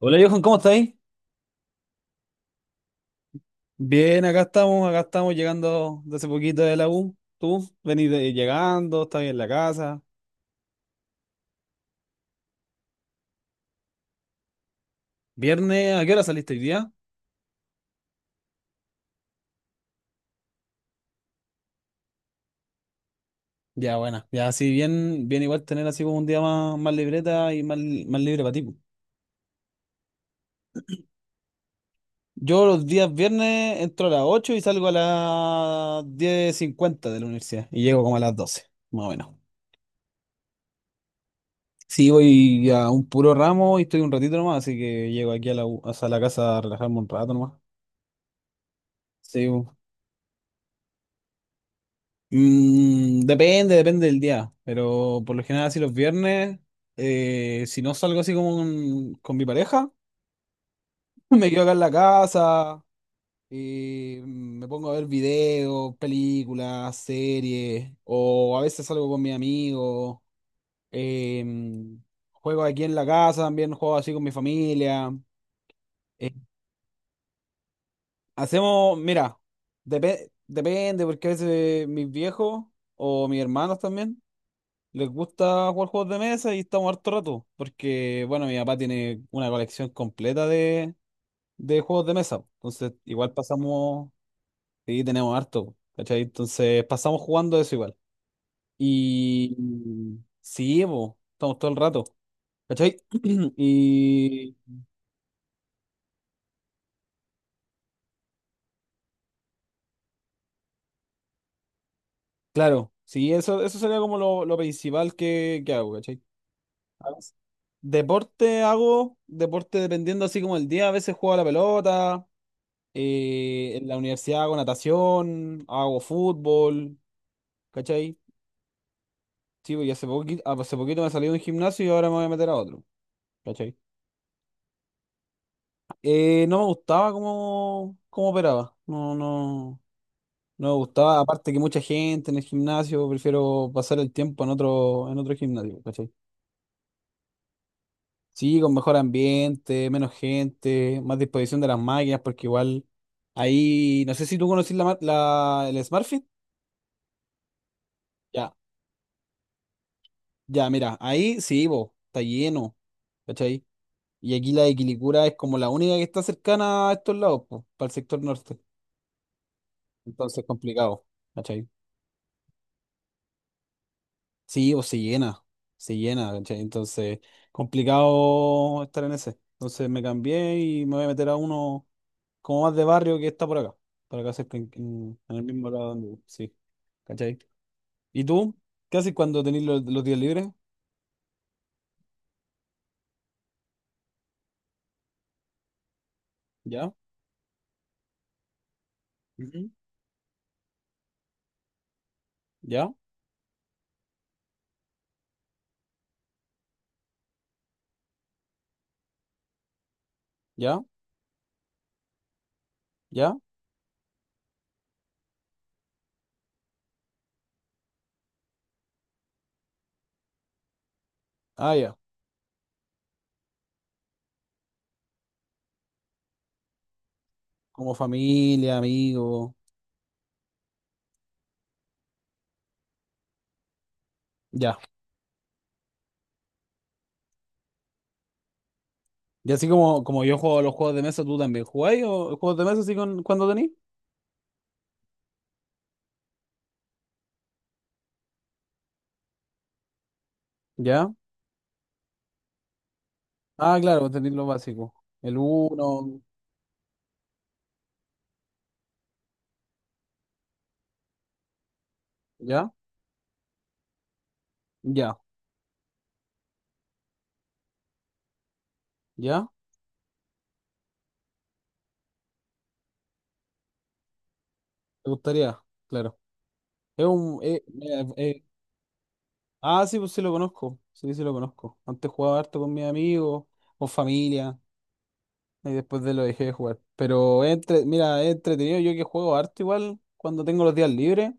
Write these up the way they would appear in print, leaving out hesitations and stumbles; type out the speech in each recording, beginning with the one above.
Hola Johan, ¿cómo estáis? Bien, acá estamos llegando de hace poquito de la U. Tú venís llegando, estás bien en la casa. Viernes, ¿a qué hora saliste hoy día? Ya, bueno, ya así bien igual tener así como un día más libreta y más libre para ti, po. Yo los días viernes entro a las 8 y salgo a las 10:50 de la universidad y llego como a las 12, más o menos. Sí, voy a un puro ramo y estoy un ratito nomás, así que llego aquí a la U, o sea, a la casa a relajarme un rato nomás. Sí, depende del día, pero por lo general así los viernes, si no salgo así como con mi pareja, me quedo acá en la casa y me pongo a ver videos, películas, series, o a veces salgo con mis amigos, em, juego aquí en la casa también, juego así con mi familia. eh, hacemos, mira, depende porque a veces mis viejos o mis hermanos también. Les gusta jugar juegos de mesa y estamos harto rato, porque, bueno, mi papá tiene una colección completa de juegos de mesa. Entonces, igual pasamos, sí, tenemos harto, ¿cachai? Entonces, pasamos jugando eso igual. Y sí, po, estamos todo el rato, ¿cachai? Y claro, sí, eso sería como lo principal que hago, ¿cachai? A veces- Deporte hago, deporte dependiendo así como el día, a veces juego a la pelota. En la universidad hago natación, hago fútbol, ¿cachai? Sí, pues, y hace poquito me salí de un gimnasio y ahora me voy a meter a otro, ¿cachai? No me gustaba cómo operaba, no, no, no me gustaba, aparte que mucha gente en el gimnasio, prefiero pasar el tiempo en otro gimnasio, ¿cachai? Sí, con mejor ambiente, menos gente, más disposición de las máquinas, porque igual ahí, no sé si tú conocís el SmartFit. Ya. Ya, mira, ahí sí, vos, está lleno, ¿cachai? Y aquí la de Quilicura es como la única que está cercana a estos lados, pues, para el sector norte. Entonces, complicado, ¿cachai? Sí, o se llena, ¿cachai? Entonces, complicado estar en ese. Entonces, me cambié y me voy a meter a uno como más de barrio que está por acá, para acá cerca, en el mismo lado donde vivo, sí, ¿cachai? ¿Y tú? ¿Qué haces cuando tenés los días libres? ¿Ya? Ujú. ¿Ya? ¿Ya? ¿Ya? Ah, ya. Como familia, amigos. Ya. Y así como yo juego a los juegos de mesa, ¿tú también jugáis o juegos de mesa así con, cuando tenéis? Ya. Ah, claro, pues tenéis lo básico. El uno. Ya. Ya. Ya. ¿Te gustaría? Claro. Es un, mira, ah, sí, pues sí lo conozco. Sí, sí lo conozco. Antes jugaba harto con mis amigos, con familia. Y después de lo dejé de jugar. Pero es mira, es entretenido yo que juego harto igual cuando tengo los días libres.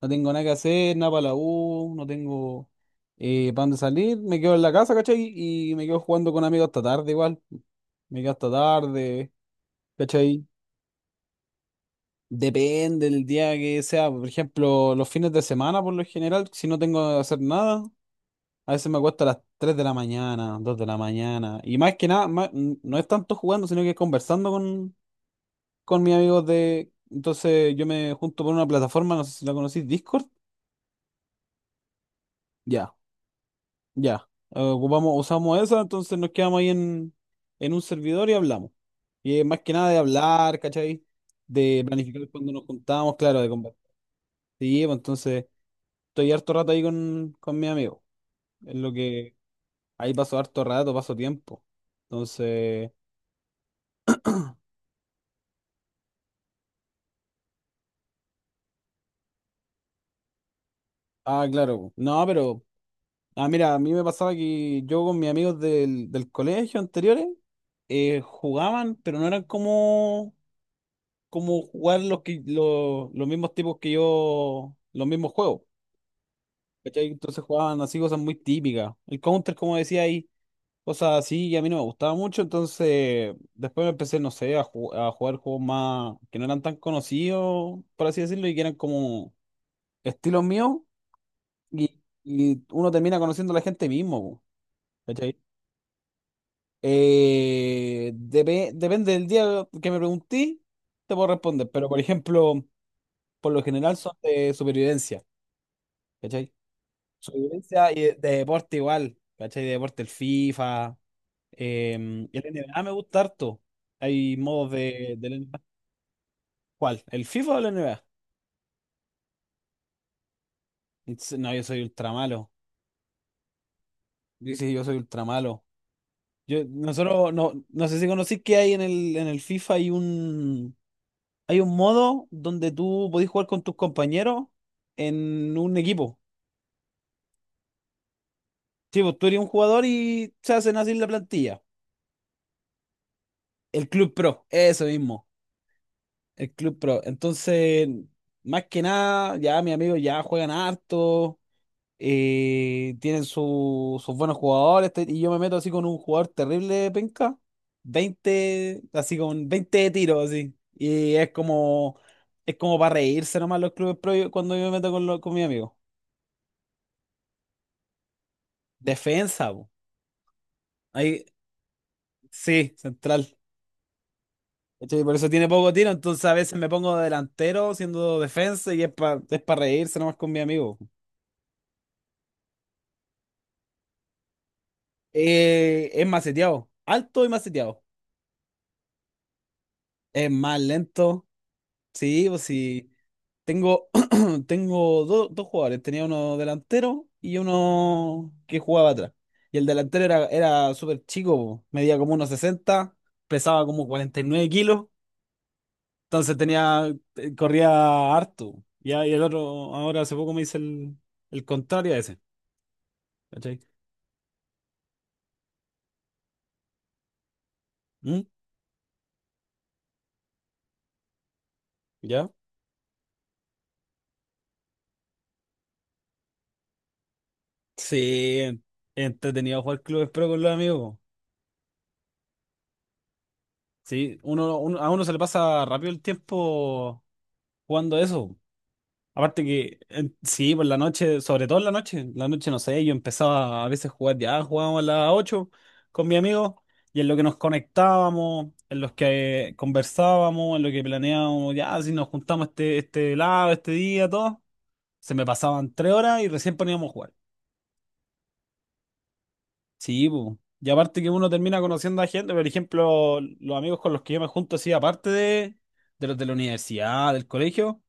No tengo nada que hacer, nada para la U, no tengo para dónde salir. Me quedo en la casa, ¿cachai? Y me quedo jugando con amigos hasta tarde igual. Me quedo hasta tarde, ¿cachai? Depende del día que sea. Por ejemplo, los fines de semana, por lo general, si no tengo que hacer nada, a veces me acuesto a las 3 de la mañana, 2 de la mañana. Y más que nada, no es tanto jugando, sino que conversando con mis amigos de... Entonces yo me junto por una plataforma, no sé si la conocís, Discord. Ya. Ya, ocupamos, usamos esa, entonces nos quedamos ahí en un servidor y hablamos. Y más que nada de hablar, ¿cachai? De planificar cuando nos juntamos, claro, de compartir. Sí, pues, entonces estoy harto rato ahí con mi amigo. Es lo que ahí paso harto rato, paso tiempo. Entonces, ah, claro. No, pero, ah, mira, a mí me pasaba que yo con mis amigos del colegio anteriores jugaban, pero no eran como jugar los, que, los mismos tipos que yo, los mismos juegos. ¿Cachai? Entonces jugaban así cosas muy típicas. El Counter, como decía ahí, cosas así, y a mí no me gustaba mucho. Entonces, después me empecé, no sé, a jugar juegos más que no eran tan conocidos, por así decirlo, y que eran como estilos míos. Y uno termina conociendo a la gente mismo, po, ¿cachai? Depende del día que me pregunté, te puedo responder, pero por ejemplo, por lo general son de supervivencia. ¿Cachai? Su vivencia y de deporte igual, ¿cachai? De deporte, el FIFA, el NBA me gusta harto. Hay modos de, del NBA. ¿Cuál? ¿El FIFA o el NBA? Dice, no, yo soy ultra malo. Dice, yo soy ultra malo. Yo, nosotros, no, no sé si conocís que hay en el FIFA, hay un modo donde tú podés jugar con tus compañeros en un equipo. Sí, pues tú eres un jugador y se hacen así la plantilla. El Club Pro, eso mismo. El Club Pro. Entonces, más que nada, ya mis amigos ya juegan harto, tienen sus buenos jugadores, y yo me meto así con un jugador terrible, penca, 20 así con 20 de tiro, así. Y es como para reírse nomás los clubes pro cuando yo me meto con mi amigo. Defensa, po. Ahí, sí, central. ¿Cachai? Por eso tiene poco tiro, entonces a veces me pongo delantero siendo defensa y es pa reírse nomás con mi amigo. Es maceteado, alto y maceteado. Es más lento. Sí, pues sí. Tengo, tengo dos jugadores. Tenía uno delantero y uno que jugaba atrás. Y el delantero era súper chico, po, medía como unos 60, pesaba como 49 kilos. Entonces tenía, corría harto. Ya, y el otro, ahora hace poco me hice el contrario a ese. ¿Cachai? ¿Mm? ¿Ya? Sí, entretenido jugar clubes pro con los amigos. Sí, a uno se le pasa rápido el tiempo jugando eso. Aparte que, sí, por la noche, sobre todo en la noche no sé, yo empezaba a veces a jugar ya, jugábamos a las 8 con mi amigo, y en lo que nos conectábamos, en los que conversábamos, en lo que planeábamos, ya, si nos juntamos este lado, este día, todo, se me pasaban 3 horas y recién poníamos a jugar. Sí, po. Y aparte que uno termina conociendo a gente, por ejemplo, los amigos con los que yo me junto, así, aparte de los de la universidad, del colegio,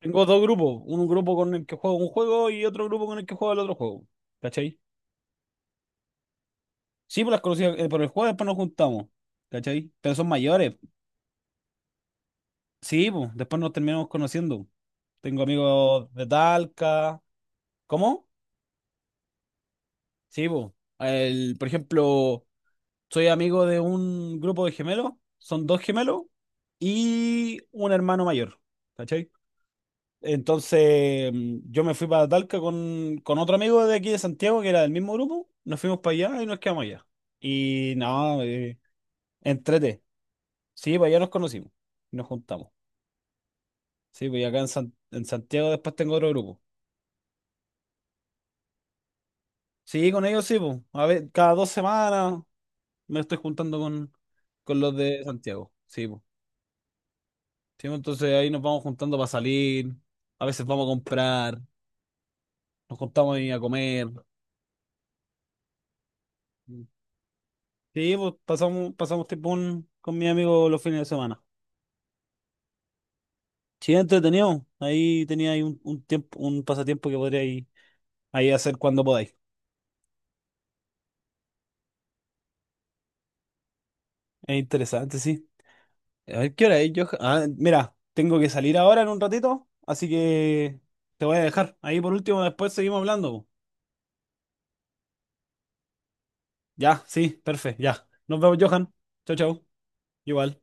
tengo dos grupos, un grupo con el que juego un juego y otro grupo con el que juego el otro juego, ¿cachai? Sí, pues las conocí por el juego, después nos juntamos, ¿cachai? Pero son mayores, sí, pues, después nos terminamos conociendo. Tengo amigos de Talca, ¿cómo? Sí, pues, el, por ejemplo... Soy amigo de un grupo de gemelos, son dos gemelos y un hermano mayor, ¿cachai? Entonces yo me fui para Talca con otro amigo de aquí de Santiago que era del mismo grupo, nos fuimos para allá y nos quedamos allá. Y nada, entrete. Sí, para allá nos conocimos y nos juntamos. Sí, pues y acá en Santiago después tengo otro grupo. Sí, con ellos sí, pues. A ver, cada 2 semanas me estoy juntando con los de Santiago. Sí, pues. Sí, pues, entonces ahí nos vamos juntando para salir, a veces vamos a comprar, nos juntamos ahí a comer. Sí, pues pasamos tiempo con mi amigo los fines de semana. Sí, entretenido. Ahí tenía ahí un tiempo, un pasatiempo que podríais ahí hacer cuando podáis. Es interesante, sí. A ver, ¿qué hora es, Johan? Ah, mira, tengo que salir ahora en un ratito, así que te voy a dejar. Ahí por último, después seguimos hablando, po. Ya, sí, perfecto, ya. Nos vemos, Johan. Chau, chau. Igual.